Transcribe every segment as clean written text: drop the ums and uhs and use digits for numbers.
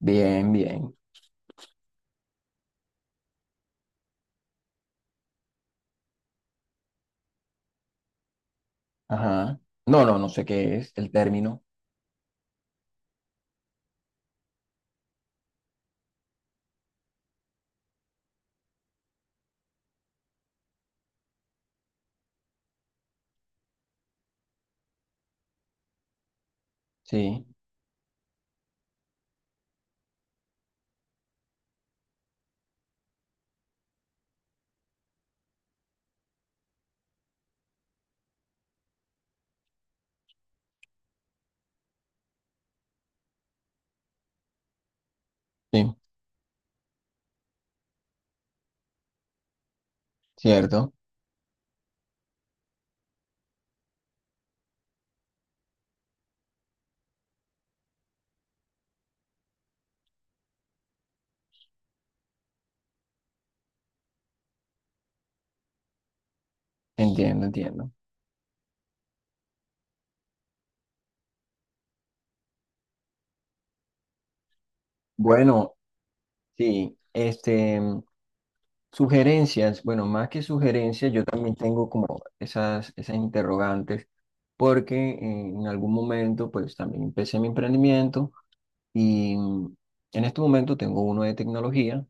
Bien, bien. Ajá. No sé qué es el término. Sí, sí, cierto. Entiendo, entiendo. Bueno, sí, sugerencias. Bueno, más que sugerencias, yo también tengo como esas interrogantes, porque en algún momento, pues también empecé mi emprendimiento y en este momento tengo uno de tecnología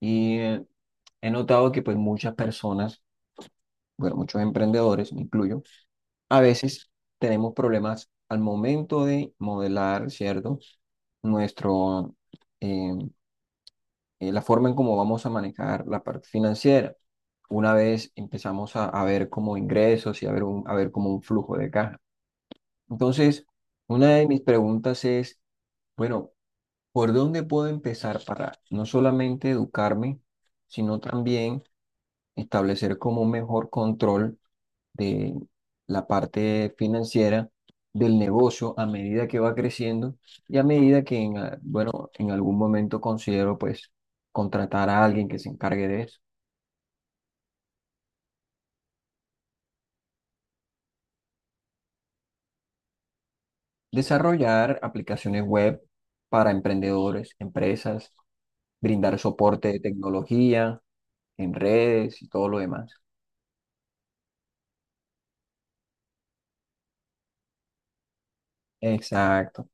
y he notado que pues muchas personas, bueno, muchos emprendedores, me incluyo, a veces tenemos problemas al momento de modelar, ¿cierto? Nuestro, eh, la forma en cómo vamos a manejar la parte financiera. Una vez empezamos a ver como ingresos y a ver, a ver como un flujo de caja. Entonces, una de mis preguntas es, bueno, ¿por dónde puedo empezar para no solamente educarme, sino también establecer como un mejor control de la parte financiera del negocio a medida que va creciendo y a medida que, bueno, en algún momento considero pues contratar a alguien que se encargue de eso. Desarrollar aplicaciones web para emprendedores, empresas, brindar soporte de tecnología en redes y todo lo demás. Exacto,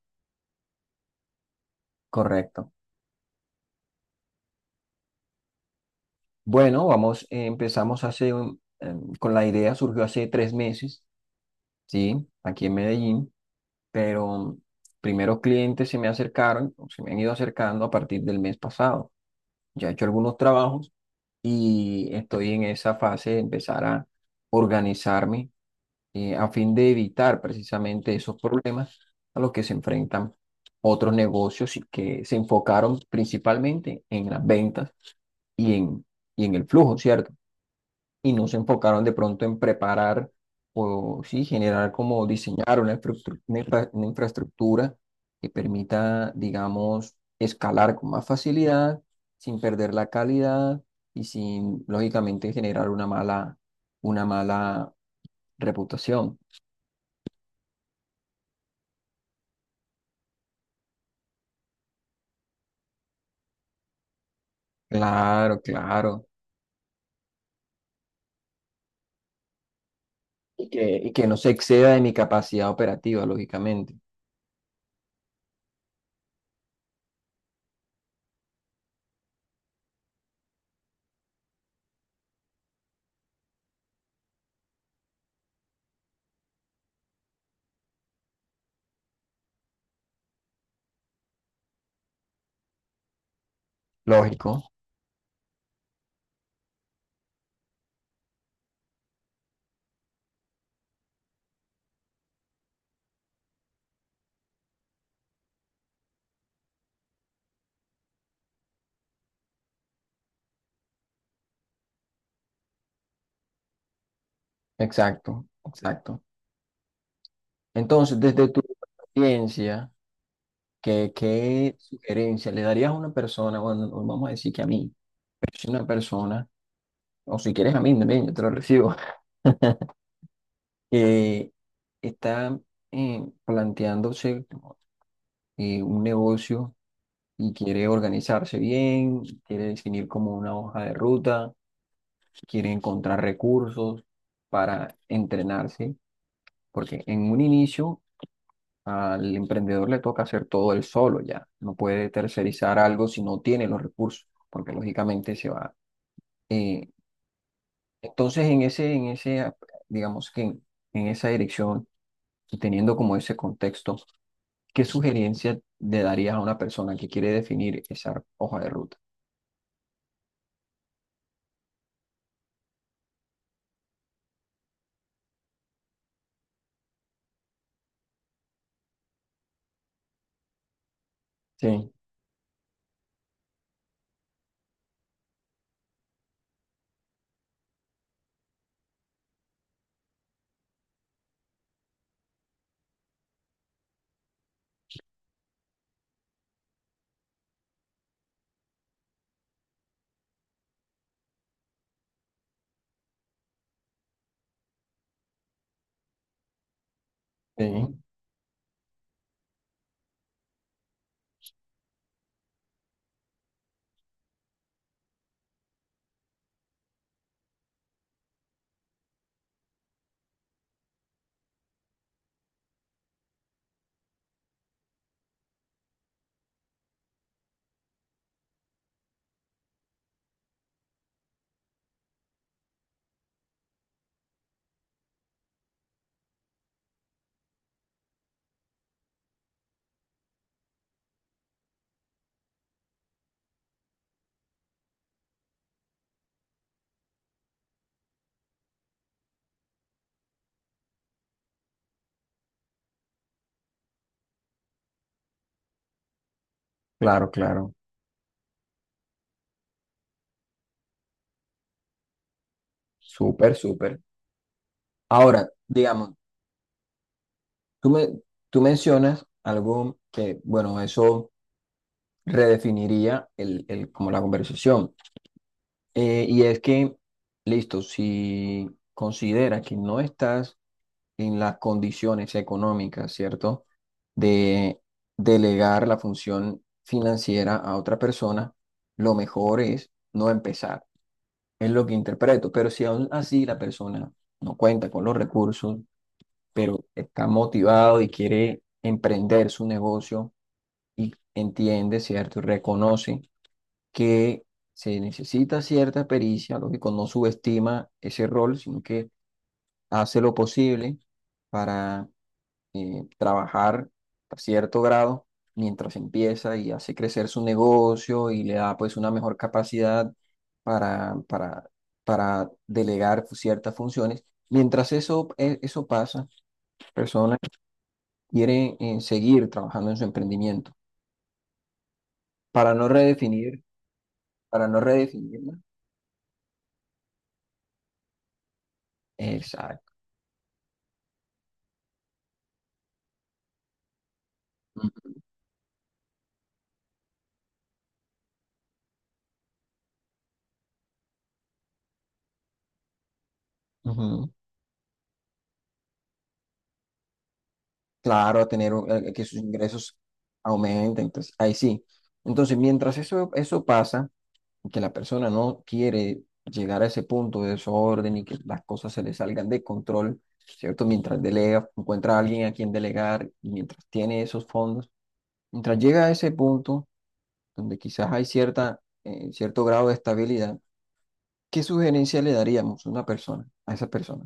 correcto. Bueno, vamos, empezamos con la idea, surgió hace tres meses, ¿sí? Aquí en Medellín. Pero primeros clientes se me acercaron, o se me han ido acercando a partir del mes pasado. Ya he hecho algunos trabajos y estoy en esa fase de empezar a organizarme, a fin de evitar precisamente esos problemas a los que se enfrentan otros negocios y que se enfocaron principalmente en las ventas y en, y en el flujo, ¿cierto? Y no se enfocaron de pronto en preparar o sí, generar como diseñar una una infraestructura que permita, digamos, escalar con más facilidad, sin perder la calidad y sin, lógicamente, generar una mala reputación. Claro, claro. Y que no se exceda de mi capacidad operativa, lógicamente. Lógico, exacto, exacto. Entonces, desde tu experiencia, ¿qué, qué sugerencia le darías a una persona, bueno, no, vamos a decir que a mí, pero si una persona, o si quieres a mí también, yo te lo recibo, que está planteándose un negocio y quiere organizarse bien, quiere definir como una hoja de ruta, quiere encontrar recursos para entrenarse, porque en un inicio al emprendedor le toca hacer todo él solo ya. No puede tercerizar algo si no tiene los recursos, porque lógicamente se va. eh, entonces, digamos que en esa dirección y teniendo como ese contexto, ¿qué sugerencia le darías a una persona que quiere definir esa hoja de ruta? Sí, sí. Claro, claro. Súper, súper. Ahora, digamos, tú me, tú mencionas algo que, bueno, eso redefiniría como la conversación. Y es que, listo, si considera que no estás en las condiciones económicas, ¿cierto? De delegar la función financiera a otra persona, lo mejor es no empezar. Es lo que interpreto. Pero si aún así la persona no cuenta con los recursos, pero está motivado y quiere emprender su negocio y entiende, ¿cierto? Y reconoce que se necesita cierta pericia, lógico, no subestima ese rol, sino que hace lo posible para trabajar a cierto grado mientras empieza y hace crecer su negocio y le da pues una mejor capacidad para, para, para delegar ciertas funciones. Mientras eso pasa, personas quieren seguir trabajando en su emprendimiento para no redefinir, para no redefinirla. Exacto. Ujú. Claro, a tener a que sus ingresos aumenten. Entonces, ahí sí. Entonces, mientras eso pasa, y que la persona no quiere llegar a ese punto de desorden y que las cosas se le salgan de control, ¿cierto? Mientras delega, encuentra a alguien a quien delegar y mientras tiene esos fondos, mientras llega a ese punto donde quizás hay cierta, cierto grado de estabilidad, ¿qué sugerencia le daríamos a una persona, a esa persona,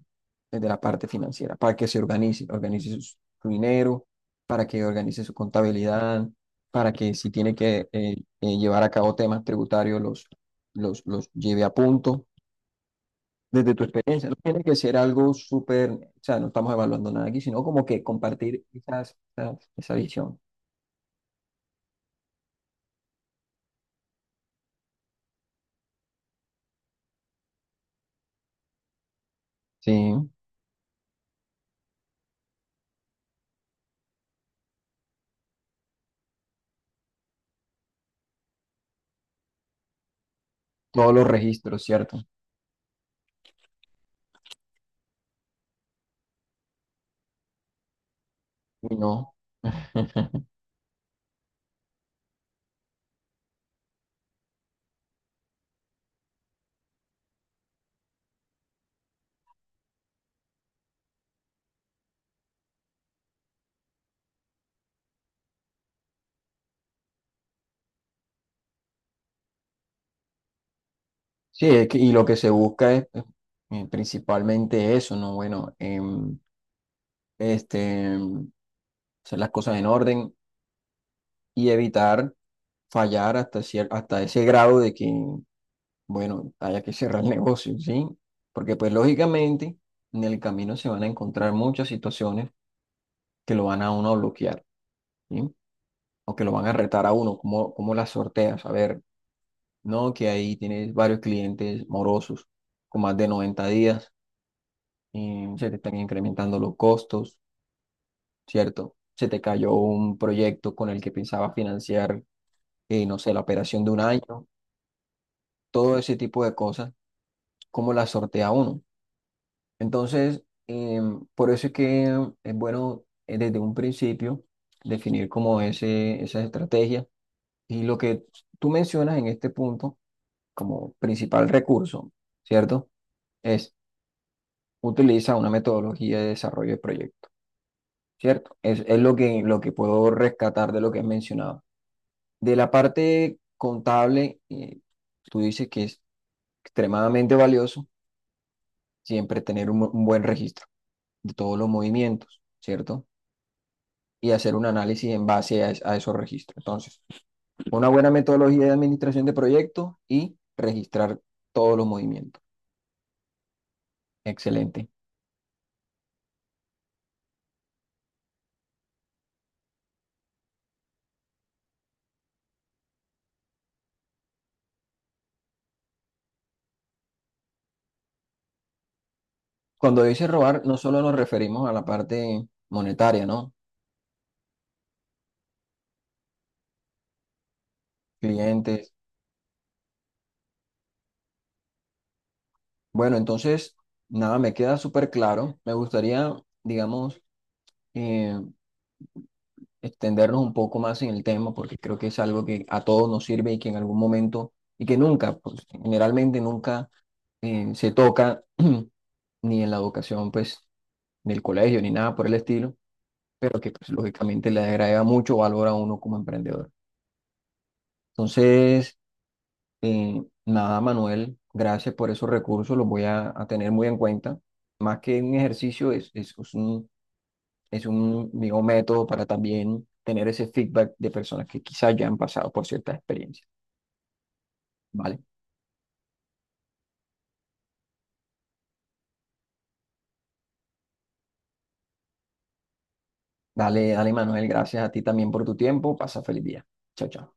desde la parte financiera, para que se organice, organice su dinero, para que organice su contabilidad, para que si tiene que llevar a cabo temas tributarios, los lleve a punto? Desde tu experiencia, no tiene que ser algo súper, o sea, no estamos evaluando nada aquí, sino como que compartir esa visión. Sí, todos los registros, ¿cierto? Y no. Sí, y lo que se busca es principalmente eso, ¿no? Bueno, este, em, hacer las cosas en orden y evitar fallar hasta, hasta ese grado de que, bueno, haya que cerrar el negocio, ¿sí? Porque pues lógicamente en el camino se van a encontrar muchas situaciones que lo van a uno a bloquear, ¿sí? O que lo van a retar a uno, ¿cómo, cómo las sorteas? A ver, no, que ahí tienes varios clientes morosos con más de 90 días, se te están incrementando los costos, ¿cierto? Se te cayó un proyecto con el que pensaba financiar, no sé, la operación de un año, todo ese tipo de cosas, ¿cómo las sortea uno? Entonces, por eso es que es bueno, desde un principio definir como esa estrategia y lo que tú mencionas en este punto como principal recurso, ¿cierto? Es utiliza una metodología de desarrollo de proyecto. ¿Cierto? Es lo que puedo rescatar de lo que has mencionado. De la parte contable, tú dices que es extremadamente valioso siempre tener un buen registro de todos los movimientos, ¿cierto? Y hacer un análisis en base a, a esos registros. Entonces, una buena metodología de administración de proyectos y registrar todos los movimientos. Excelente. Cuando dices robar, no solo nos referimos a la parte monetaria, ¿no? Clientes. Bueno, entonces, nada, me queda súper claro. Me gustaría, digamos, eh, extendernos un poco más en el tema porque creo que es algo que a todos nos sirve y que en algún momento, y que nunca, pues generalmente nunca se toca ni en la educación, pues, del colegio ni nada por el estilo, pero que pues lógicamente le agrega mucho valor a uno como emprendedor. Entonces, nada, Manuel, gracias por esos recursos, los voy a tener muy en cuenta. Más que un ejercicio, es es un, digo, método para también tener ese feedback de personas que quizás ya han pasado por ciertas experiencias, ¿vale? Dale, dale, Manuel, gracias a ti también por tu tiempo. Pasa feliz día. Chao, chao.